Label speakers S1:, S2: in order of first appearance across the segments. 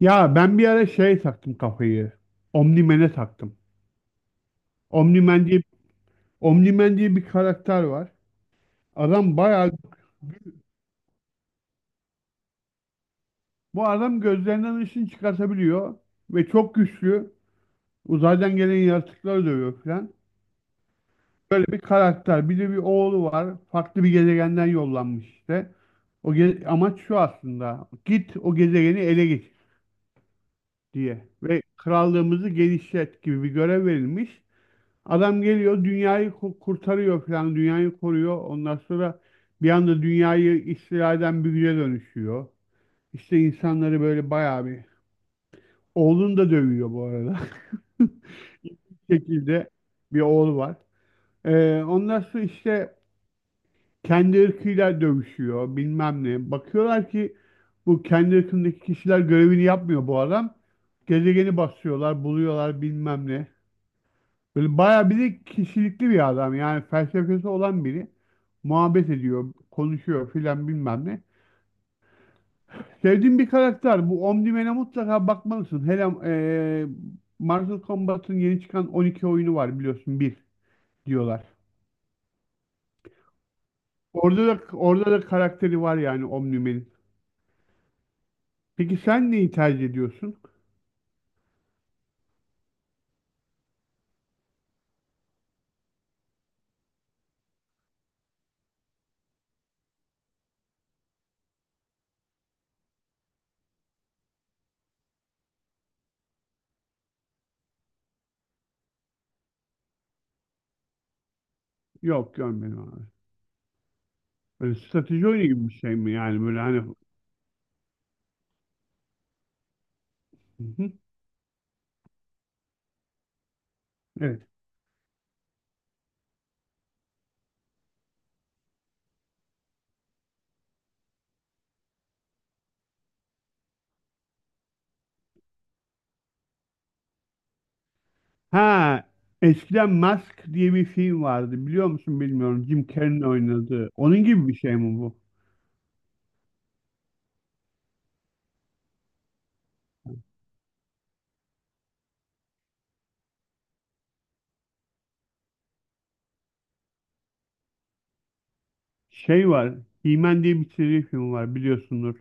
S1: Ya ben bir ara şey taktım kafayı. Omnimen'e taktım. Omnimen diye, Omnimen diye bir karakter var. Adam bayağı bu adam gözlerinden ışın çıkartabiliyor ve çok güçlü. Uzaydan gelen yaratıkları dövüyor falan. Böyle bir karakter. Bir de bir oğlu var. Farklı bir gezegenden yollanmış işte. Amaç şu aslında. Git o gezegeni ele geçir diye ve krallığımızı genişlet gibi bir görev verilmiş. Adam geliyor dünyayı kurtarıyor falan, dünyayı koruyor. Ondan sonra bir anda dünyayı istila eden bir güce dönüşüyor. İşte insanları böyle bayağı bir, oğlunu da dövüyor bu arada. şekilde bir oğlu var. Ondan sonra işte kendi ırkıyla dövüşüyor, bilmem ne. Bakıyorlar ki bu kendi ırkındaki kişiler, görevini yapmıyor bu adam. Gezegeni basıyorlar, buluyorlar, bilmem ne. Böyle bayağı bir de kişilikli bir adam. Yani felsefesi olan biri. Muhabbet ediyor, konuşuyor filan, bilmem ne. Sevdiğim bir karakter. Bu Omnimen'e mutlaka bakmalısın. Hele Mortal Kombat'ın yeni çıkan 12 oyunu var, biliyorsun. Bir diyorlar. Orada da karakteri var yani Omnimen'in. Peki sen neyi tercih ediyorsun? Yok, görmedim abi. Böyle strateji oyunu gibi bir şey mi yani, böyle hani. Hı hı. Evet. Ha, eskiden Mask diye bir film vardı. Biliyor musun, bilmiyorum. Jim Carrey'in oynadığı. Onun gibi bir şey mi bu? Şey var. He-Man diye bir çizgi film var, biliyorsundur.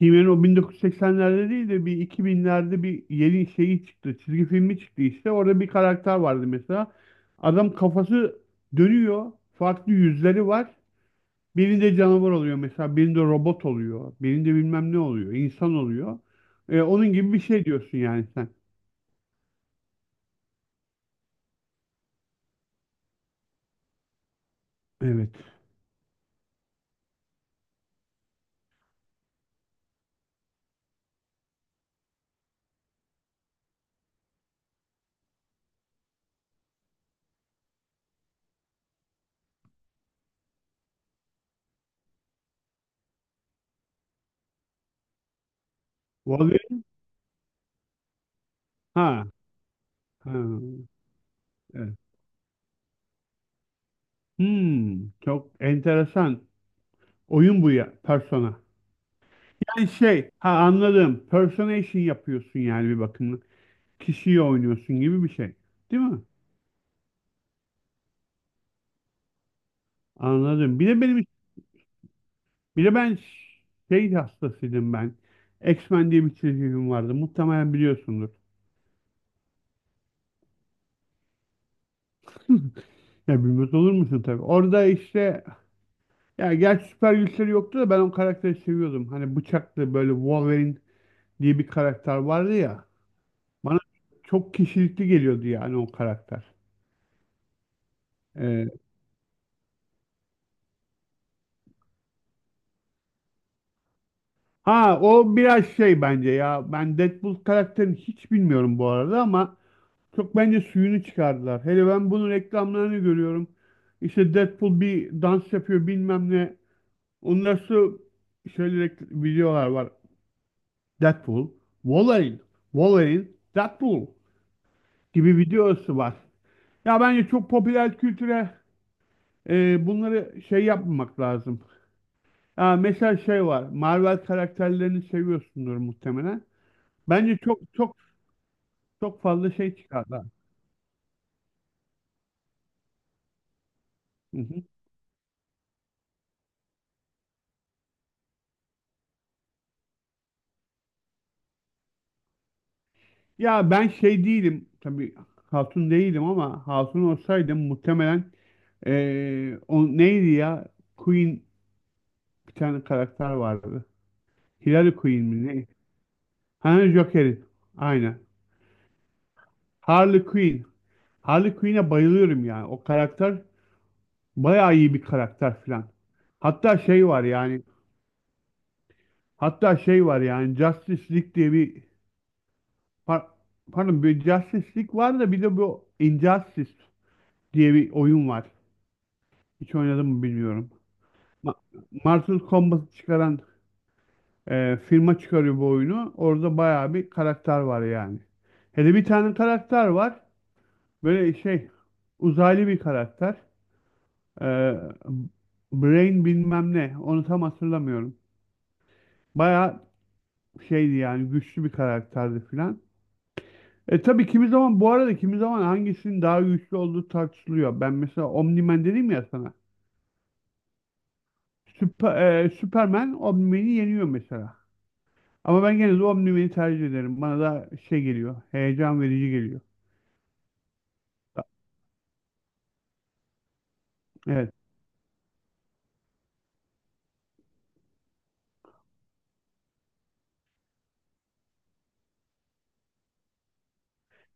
S1: He-Man o 1980'lerde değil de bir 2000'lerde bir yeni şeyi çıktı. Çizgi filmi çıktı işte. Orada bir karakter vardı mesela. Adam kafası dönüyor. Farklı yüzleri var. Birinde canavar oluyor mesela. Birinde robot oluyor. Birinde bilmem ne oluyor, insan oluyor. Onun gibi bir şey diyorsun yani sen. Evet. Vallahi ha, ha, evet. Hmm, çok enteresan. Oyun bu ya, Persona. Yani şey, ha, anladım. Personation yapıyorsun yani bir bakımda. Kişiyi oynuyorsun gibi bir şey. Değil mi? Anladım. Bir de benim, bir de ben şey hastasıydım ben. X-Men diye bir çizgi film vardı. Muhtemelen biliyorsundur. Ya bilmez olur musun tabii. Orada işte, ya gerçi süper güçleri yoktu da ben o karakteri seviyordum. Hani bıçaklı böyle Wolverine diye bir karakter vardı ya. Bana çok kişilikli geliyordu yani o karakter. Ee, ha, o biraz şey bence ya. Ben Deadpool karakterini hiç bilmiyorum bu arada ama çok bence suyunu çıkardılar. Hele ben bunun reklamlarını görüyorum. İşte Deadpool bir dans yapıyor, bilmem ne. Ondan sonra şöyle videolar var. Deadpool, Wolverine, Wolverine, Deadpool gibi videosu var. Ya bence çok popüler kültüre bunları şey yapmamak lazım. Aa, mesela şey var. Marvel karakterlerini seviyorsundur muhtemelen. Bence çok fazla şey çıkardı. Hı hı. Ya ben şey değilim. Tabii hatun değilim ama hatun olsaydım muhtemelen o neydi ya? Queen bir tane karakter vardı. Hillary Queen mi ne? Ha, Joker'in. Aynen. Harley Quinn. Harley Quinn'e bayılıyorum yani. O karakter bayağı iyi bir karakter filan. Hatta şey var yani Hatta şey var yani Justice League diye bir par- pardon, bir Justice League var da bir de bu Injustice diye bir oyun var. Hiç oynadım mı, bilmiyorum. Ma Mortal Kombat'ı çıkaran firma çıkarıyor bu oyunu. Orada bayağı bir karakter var yani. Hele bir tane karakter var. Böyle şey, uzaylı bir karakter. E, Brain bilmem ne. Onu tam hatırlamıyorum. Bayağı şeydi yani, güçlü bir karakterdi filan. E tabii kimi zaman bu arada, kimi zaman hangisinin daha güçlü olduğu tartışılıyor. Ben mesela Omni-Man dedim ya sana. Süper, Superman Omni-Man'i yeniyor mesela. Ama ben gene de Omni-Man'i tercih ederim. Bana da şey geliyor. Heyecan verici geliyor. Evet.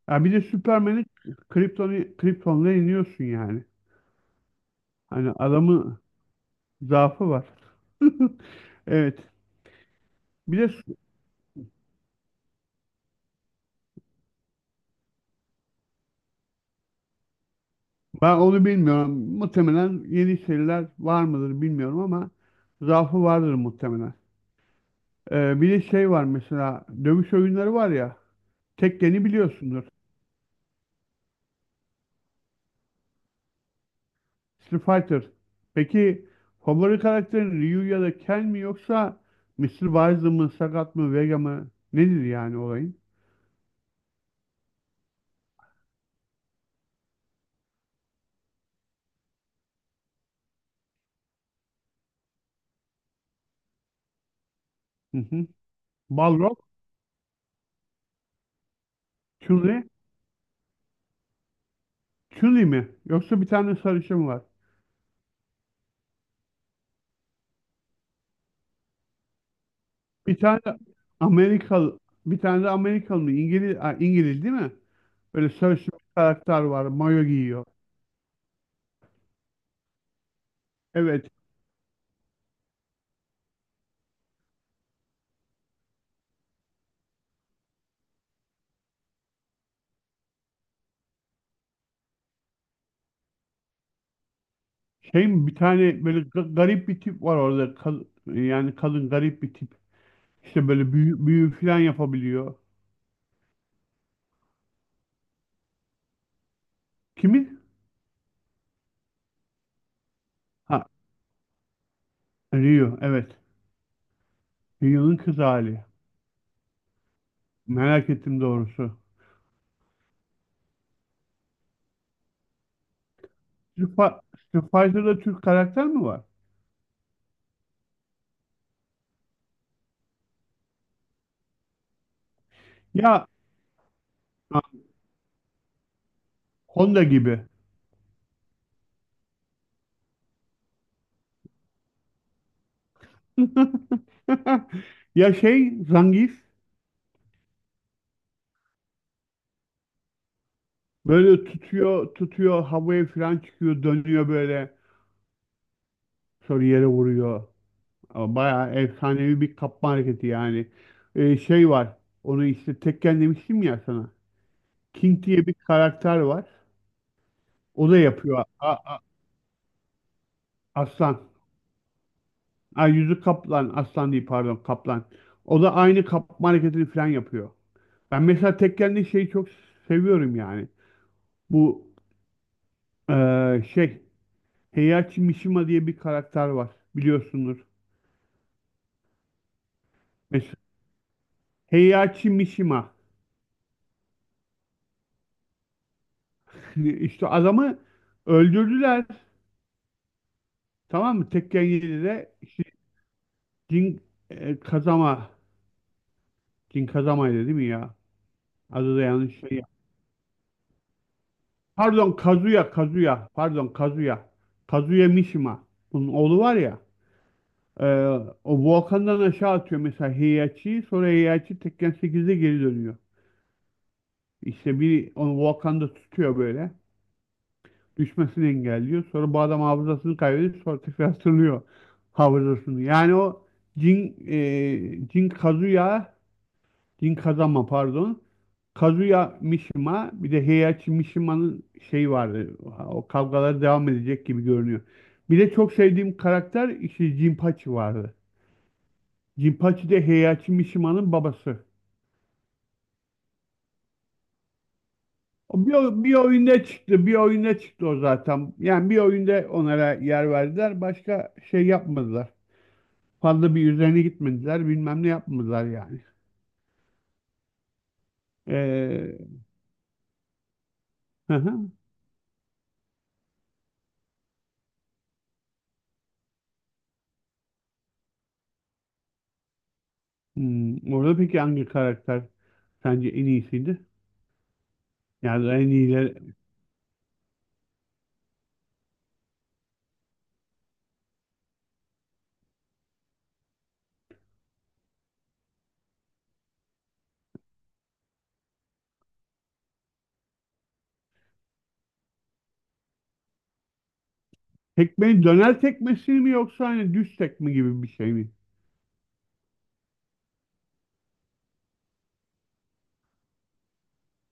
S1: Ya bir de Superman'i Krypton'la yeniyorsun yani. Hani adamın zaafı var. Evet. Bir de Su- Ben onu bilmiyorum. Muhtemelen yeni seriler var mıdır, bilmiyorum ama zaafı vardır muhtemelen. Bir de şey var mesela, dövüş oyunları var ya. Tekken'i biliyorsundur. Street Fighter. Peki favori karakterin Ryu ya da Ken mi, yoksa Mister Bison mı, Sagat mı, Vega mı? Nedir yani olayın? Hı hı. Balrog, Chun-Li, Chun-Li mi? Yoksa bir tane sarışın var. Bir tane Amerikalı, bir tane de Amerikalı mı? İngiliz, ha, İngiliz değil mi? Böyle sarışın bir karakter var, mayo giyiyor. Evet, şey mi, bir tane böyle garip bir tip var orada. Yani kadın, garip bir tip. İşte böyle büyü, büyü falan yapabiliyor. Kimi? Ha, Rio. Evet. Rio'nun kız hali. Merak ettim doğrusu. Street Fi- Street Fighter'da Türk karakter mi var? Ya, ha, Honda gibi. Ya şey, Zangief böyle tutuyor, havaya falan çıkıyor, dönüyor böyle, sonra yere vuruyor. Ama bayağı efsanevi bir kapma hareketi yani. Şey var. Onu işte Tekken demiştim ya sana. King diye bir karakter var. O da yapıyor. Aslan. Ay, yüzü kaplan. Aslan değil, pardon, kaplan. O da aynı kapma hareketini falan yapıyor. Ben mesela Tekken'de şeyi çok seviyorum yani. Bu şey, Heihachi Mishima diye bir karakter var. Biliyorsundur. Mesela Heihachi Mishima. İşte adamı öldürdüler. Tamam mı? Tekken 7'de işte Jin, Kazama. Jin Kazama'ydı değil mi ya? Adı da yanlış şey. Pardon, Kazuya. Pardon Kazuya. Kazuya Mishima. Bunun oğlu var ya. e, O volkandan aşağı atıyor mesela Heihachi'yi. Sonra Heihachi Tekken 8'de geri dönüyor. İşte biri onu volkanda tutuyor böyle. Düşmesini engelliyor. Sonra bu adam hafızasını kaybediyor. Sonra tekrar hatırlıyor hafızasını. Jin Kazuya, Din Kazama pardon. Kazuya Mishima, bir de Heihachi Mishima'nın şeyi vardı. O kavgalar devam edecek gibi görünüyor. Bir de çok sevdiğim karakter işte Jinpachi vardı. Jinpachi de Heihachi Mishima'nın babası. O bir, bir oyunda çıktı. Bir oyunda çıktı o zaten. Yani bir oyunda onlara yer verdiler. Başka şey yapmadılar. Fazla bir üzerine gitmediler. Bilmem ne yapmadılar yani. Ee, hı hı. Hmm, orada peki hangi karakter sence en iyisiydi? Yani en iyileri. Tekmeyi döner tekmesi mi, yoksa hani düz tekme gibi bir şey mi?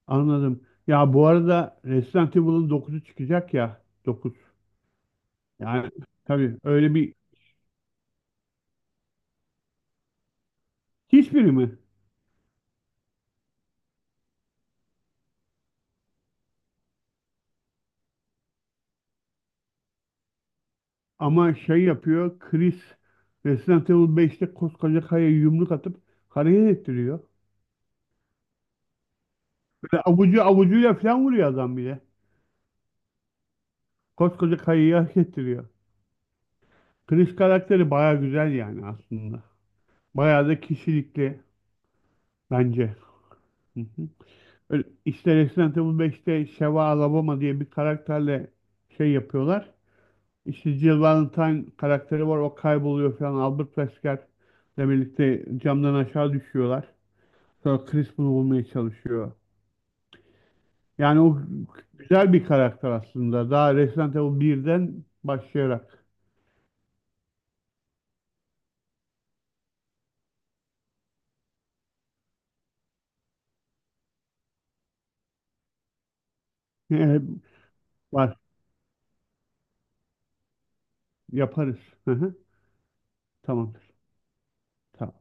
S1: Anladım. Ya bu arada Resident Evil'ın 9'u çıkacak ya. Dokuz. Yani tabii öyle bir, hiçbiri mi? Ama şey yapıyor Chris, Resident Evil 5'te koskoca kayaya yumruk atıp hareket ettiriyor. Böyle avucu avucuyla falan vuruyor adam bile. Koskoca kayayı hareket ettiriyor. Chris karakteri baya güzel yani aslında. Bayağı da kişilikli bence. Hı hı. Öyle İşte Resident Evil 5'te Sheva Alabama diye bir karakterle şey yapıyorlar. İşte Jill Valentine karakteri var, o kayboluyor falan. Albert Wesker ile birlikte camdan aşağı düşüyorlar. Sonra Chris bunu bulmaya çalışıyor. Yani o güzel bir karakter aslında. Daha Resident Evil 1'den başlayarak var, yaparız. Hı hı, tamamdır. Tamam.